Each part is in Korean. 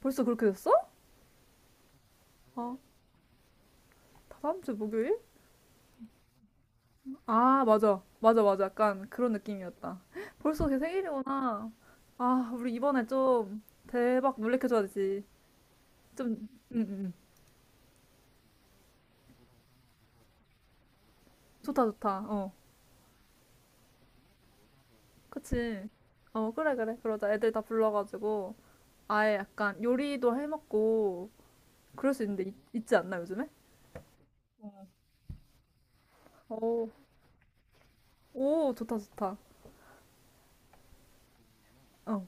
벌써 그렇게 됐어? 아, 다음 주 목요일? 아, 맞아. 맞아, 맞아. 약간 그런 느낌이었다. 벌써 걔 생일이구나. 아, 우리 이번에 좀 대박 놀래켜줘야지. 좀, 응, 응. 좋다, 좋다. 어, 그치. 어, 그래, 그래. 그러자. 애들 다 불러가지고 아예 약간 요리도 해먹고 그럴 수 있는데 있지 않나, 요즘에? 오, 오, 좋다, 좋다. 어,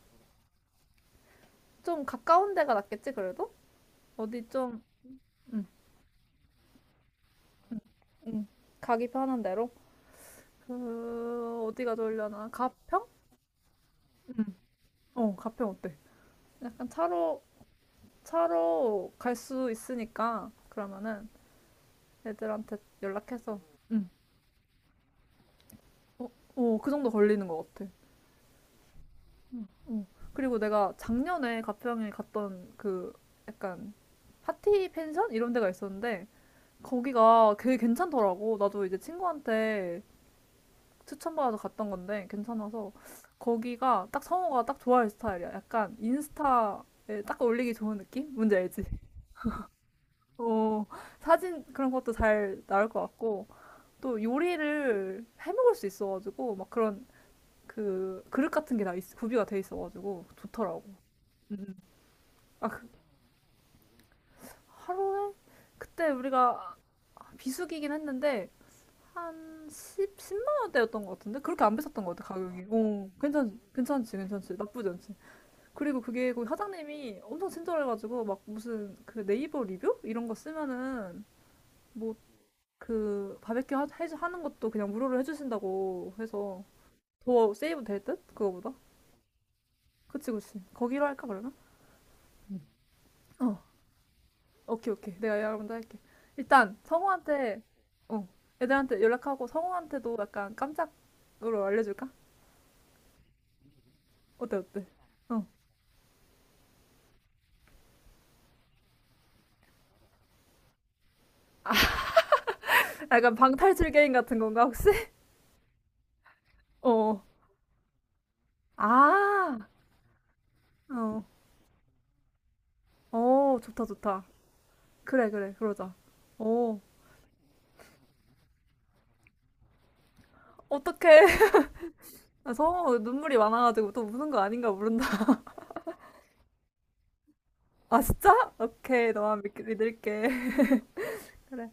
좀 가까운 데가 낫겠지, 그래도? 어디 좀, 응, 응. 가기 편한 데로? 그 어디가 좋으려나? 가평? 응. 어, 가평 어때? 약간 차로 차로 갈 수 있으니까 그러면은 애들한테 연락해서 응. 어, 어, 그 정도 걸리는 것 같아. 응. 어. 그리고 내가 작년에 가평에 갔던 그 약간 파티 펜션 이런 데가 있었는데 거기가 되게 괜찮더라고. 나도 이제 친구한테 추천받아서 갔던 건데 괜찮아서 거기가 딱 성우가 딱 좋아할 스타일이야. 약간 인스타에 딱 올리기 좋은 느낌? 뭔지 알지? 어, 사진 그런 것도 잘 나올 것 같고 또 요리를 해 먹을 수 있어가지고 막 그런 그 그릇 같은 게 다 구비가 돼 있어가지고 좋더라고. 음, 음. 아, 그 하루에 그때 우리가 비수기긴 했는데 한 10, 만 원대였던 것 같은데 그렇게 안 비쌌던 것 같아 가격이. 어, 괜찮지 괜찮지 나쁘지 않지. 그리고 그게 그 사장님이 엄청 친절해가지고 막 무슨 그 네이버 리뷰 이런 거 쓰면은 뭐 그 바베큐 하는 것도 그냥 무료로 해주신다고 해서 더 세이브 될 듯? 그거보다? 그치 그치 거기로 할까 그러면? 어, 오케이, 오케이, 내가 이약을 먼저 할게. 일단 성우한테 어, 애들한테 연락하고 성우한테도 약간 깜짝으로 알려줄까? 어때, 어때? 어, 약간 방탈출 게임 같은 건가 혹시? 어, 아, 어, 어, 좋다, 좋다. 그래, 그래, 그러자. 어, 어떡해. 성우 눈물이 많아가지고 또 우는 거 아닌가 모른다. 아, 진짜? 오케이, 너만 믿을게. 그래.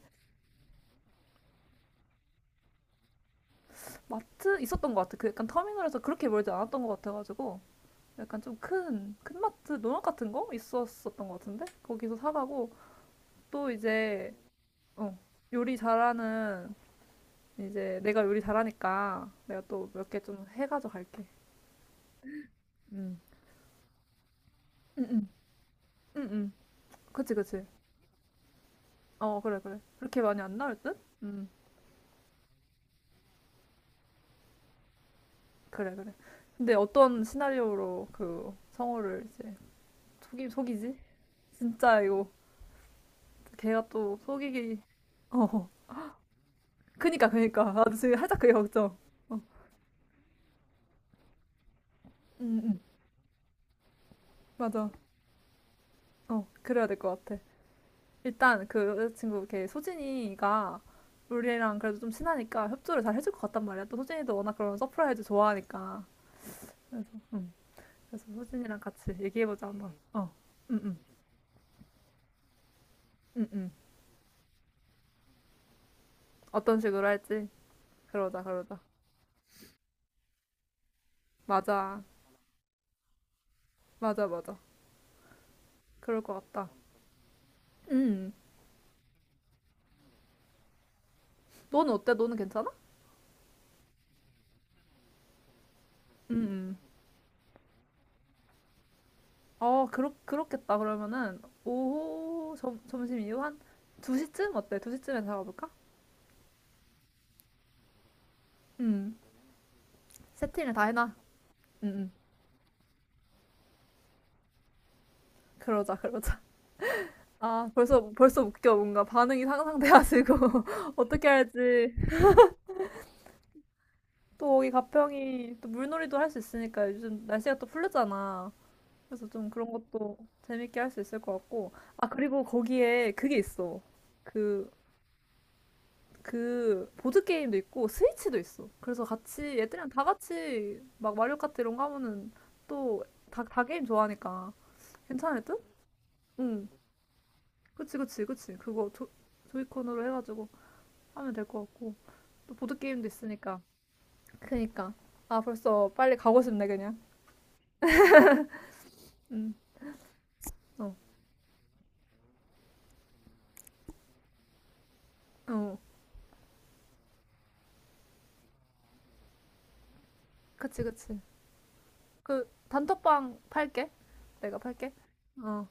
마트 있었던 것 같아. 그 약간 터미널에서 그렇게 멀지 않았던 것 같아가지고. 약간 좀 큰 마트, 농협 같은 거? 있었었던 것 같은데? 거기서 사가고. 또 이제, 어, 요리 잘하는, 이제 내가 요리 잘하니까 내가 또 몇 개 좀 해가지고 갈게. 응, 응, 응, 응, 응. 그치, 그치. 어, 그래, 그래. 그렇게 많이 안 나올 듯? 응. 그래, 그래. 근데 어떤 시나리오로 그 성우를 이제 속이지? 진짜 이거 걔가 또 속이기. 어, 그니까, 그니까. 나도 지금 살짝 그게 걱정. 어, 응, 응. 맞아. 어, 그래야 될 것 같아. 일단 그 여자친구 걔 소진이가 우리랑 그래도 좀 친하니까 협조를 잘 해줄 것 같단 말이야. 또 소진이도 워낙 그런 서프라이즈 좋아하니까. 그래서, 응. 그래서 소진이랑 같이 얘기해보자, 한번. 어, 응, 응, 응, 응. 어떤 식으로 할지. 그러자, 그러자. 맞아. 맞아, 맞아. 그럴 것 같다. 음, 너는 어때? 너는 괜찮아? 음, 음. 어, 그렇겠다. 그러면은, 오후, 점심 이후 한 2시쯤? 어때? 2시쯤에 잡아볼까? 음, 세팅을 다 해놔. 음, 음. 그러자, 그러자. 아, 벌써 웃겨. 뭔가 반응이 상상돼가지고. 어떻게 할지. 또 여기 가평이 또 물놀이도 할 수 있으니까 요즘 날씨가 또 풀렸잖아. 그래서 좀 그런 것도 재밌게 할 수 있을 것 같고. 아, 그리고 거기에 그게 있어. 그, 그 보드 게임도 있고 스위치도 있어. 그래서 같이 애들이랑 다 같이 막 마리오 카트 이런 거 하면은 또 다 게임 좋아하니까 괜찮을 듯? 응. 그치, 그치, 그치. 그거 조이콘으로 해가지고 하면 될 것 같고 또 보드 게임도 있으니까. 그니까, 아, 벌써 빨리 가고 싶네 그냥. 응. 어. 어. 그치, 그치. 그 단톡방 팔게. 내가 팔게. 어.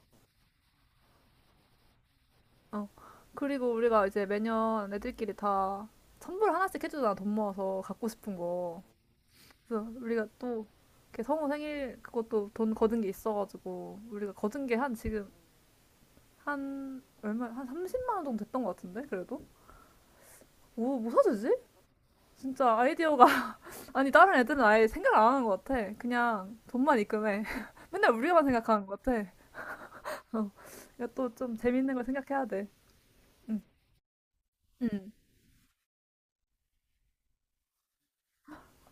어. 그리고 우리가 이제 매년 애들끼리 다 선물 하나씩 해주잖아. 돈 모아서 갖고 싶은 거. 그래서 우리가 또 이렇게 성우 생일 그것도 돈 거둔 게 있어가지고 우리가 거둔 게 한 지금 한 얼마 한 30만 원 정도 됐던 것 같은데 그래도 뭐 사주지? 진짜 아이디어가 아니 다른 애들은 아예 생각을 안 하는 것 같아. 그냥 돈만 입금해. 맨날 우리만 생각하는 것 같아. 어. 이거 또 좀 재밌는 걸 생각해야 돼. 응. 응.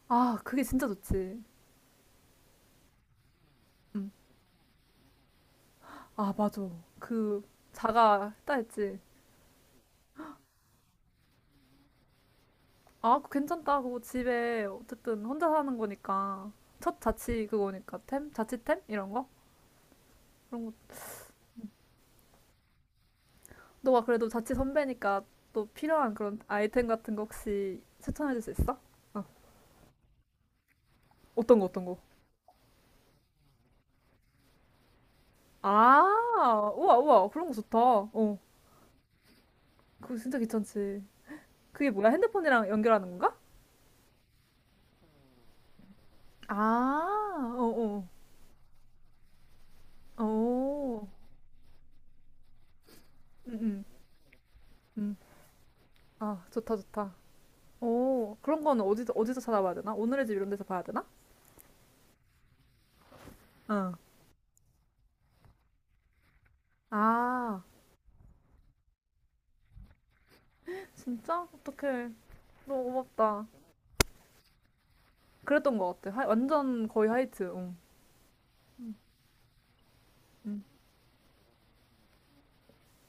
아, 그게 진짜 좋지. 응. 아, 맞아. 그 자가 했다 했지. 아, 그거 괜찮다. 그거 집에 어쨌든 혼자 사는 거니까 첫 자취 그거니까 템? 자취템? 이런 거? 그런 거. 너가 그래도 자취 선배니까 또 필요한 그런 아이템 같은 거 혹시 추천해 줄 수 있어? 어. 어떤 거, 어떤 거? 아, 우와, 우와. 그런 거 좋다. 어. 그거 진짜 귀찮지. 그게 뭐야? 핸드폰이랑 연결하는 건가? 아, 어어. 어. 어. 어. 응, 응. 응. 아, 좋다, 좋다. 오, 그런 건 어디서 찾아봐야 되나? 오늘의 집 이런 데서 봐야 되나? 어. 아, 진짜? 어떡해. 너무 고맙다. 그랬던 것 같아. 하, 완전 거의 하이트. 응. 음.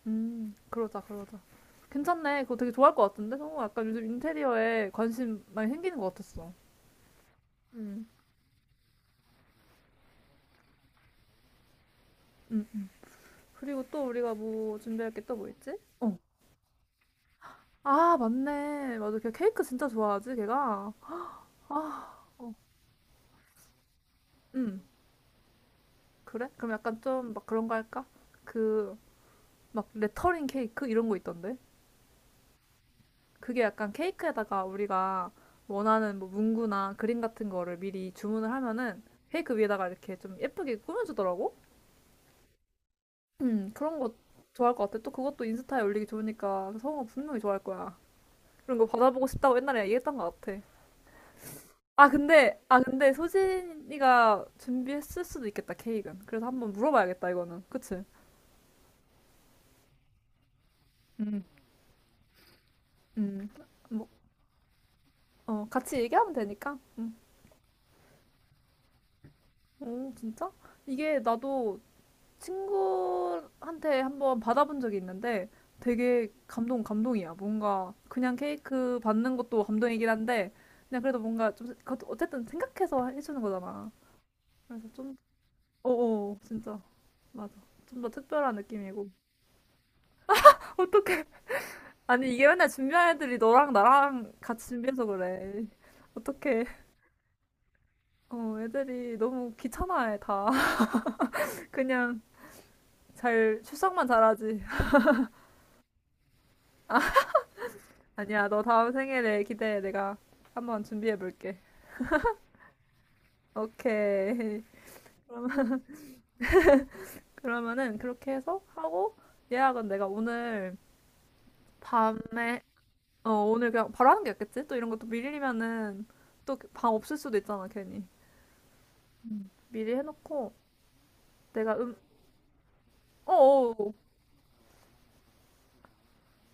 그러자, 그러자. 괜찮네. 그거 되게 좋아할 것 같은데? 성우 약간 요즘 인테리어에 관심 많이 생기는 것 같았어. 음. 음. 그리고 또 우리가 뭐 준비할 게 또 뭐 있지? 어. 아, 맞네. 맞아. 걔 케이크 진짜 좋아하지, 걔가. 아, 음. 그래? 그럼 약간 좀 막 그런 거 할까? 그, 막 레터링 케이크 이런 거 있던데? 그게 약간 케이크에다가 우리가 원하는 뭐 문구나 그림 같은 거를 미리 주문을 하면은 케이크 위에다가 이렇게 좀 예쁘게 꾸며주더라고? 그런 거 좋아할 것 같아. 또 그것도 인스타에 올리기 좋으니까 성우가 분명히 좋아할 거야. 그런 거 받아보고 싶다고 옛날에 얘기했던 것 같아. 아, 근데, 아, 근데 소진이가 준비했을 수도 있겠다, 케이크는. 그래서 한번 물어봐야겠다, 이거는. 그치? 음. 음, 뭐, 어, 같이 얘기하면 되니까. 음. 오, 진짜? 이게 나도 친구한테 한번 받아본 적이 있는데 되게 감동이야. 뭔가 그냥 케이크 받는 것도 감동이긴 한데 그냥 그래도 뭔가 좀 그것도 어쨌든 생각해서 해주는 거잖아. 그래서 좀, 어어, 진짜. 맞아. 좀 더 특별한 느낌이고. 어떡해. 아니, 이게 맨날 준비한 애들이 너랑 나랑 같이 준비해서 그래. 어떡해. 어, 애들이 너무 귀찮아해, 다. 그냥 잘, 출석만 잘하지. 아니야, 너 다음 생일에 기대해. 내가 한번 준비해 볼게. 오케이. 그러면은 그렇게 해서 하고 예약은 내가 오늘 밤에 어, 오늘 그냥 바로 하는 게 낫겠지? 또 이런 것도 밀리면은 또 방 없을 수도 있잖아, 괜히. 미리 해놓고 내가, 음, 어어,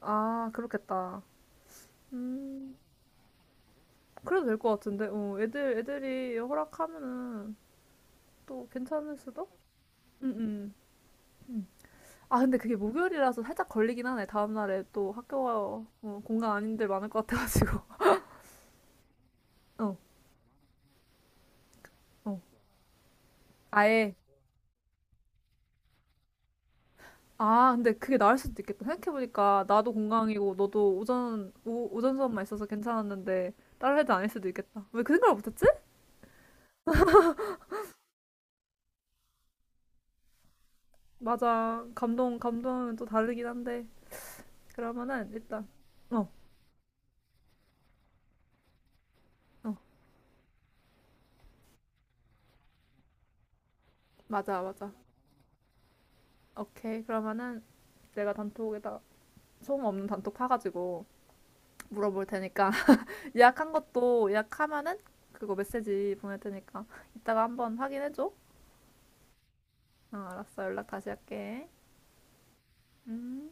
아, 그렇겠다. 음, 그래도 될 것 같은데. 어, 애들이 허락하면은 또 괜찮을 수도? 응응. 아, 근데 그게 목요일이라서 살짝 걸리긴 하네. 다음날에 또 학교가 어, 공간 아닌데 많을 것 같아가지고. 어, 어. 아예. 아, 근데 그게 나을 수도 있겠다. 생각해보니까 나도 공강이고 너도 오전, 오전 수업만 있어서 괜찮았는데 다른 애들 아닐 수도 있겠다. 왜 그 생각을 못했지? 맞아. 감동은 또 다르긴 한데. 그러면은 일단, 어, 어. 맞아, 맞아. 오케이. 그러면은 내가 단톡에다 소음 없는 단톡 파가지고 물어볼 테니까. 예약한 것도 예약하면은 그거 메시지 보낼 테니까 이따가 한번 확인해줘. 어, 알았어. 연락 다시 할게. 음.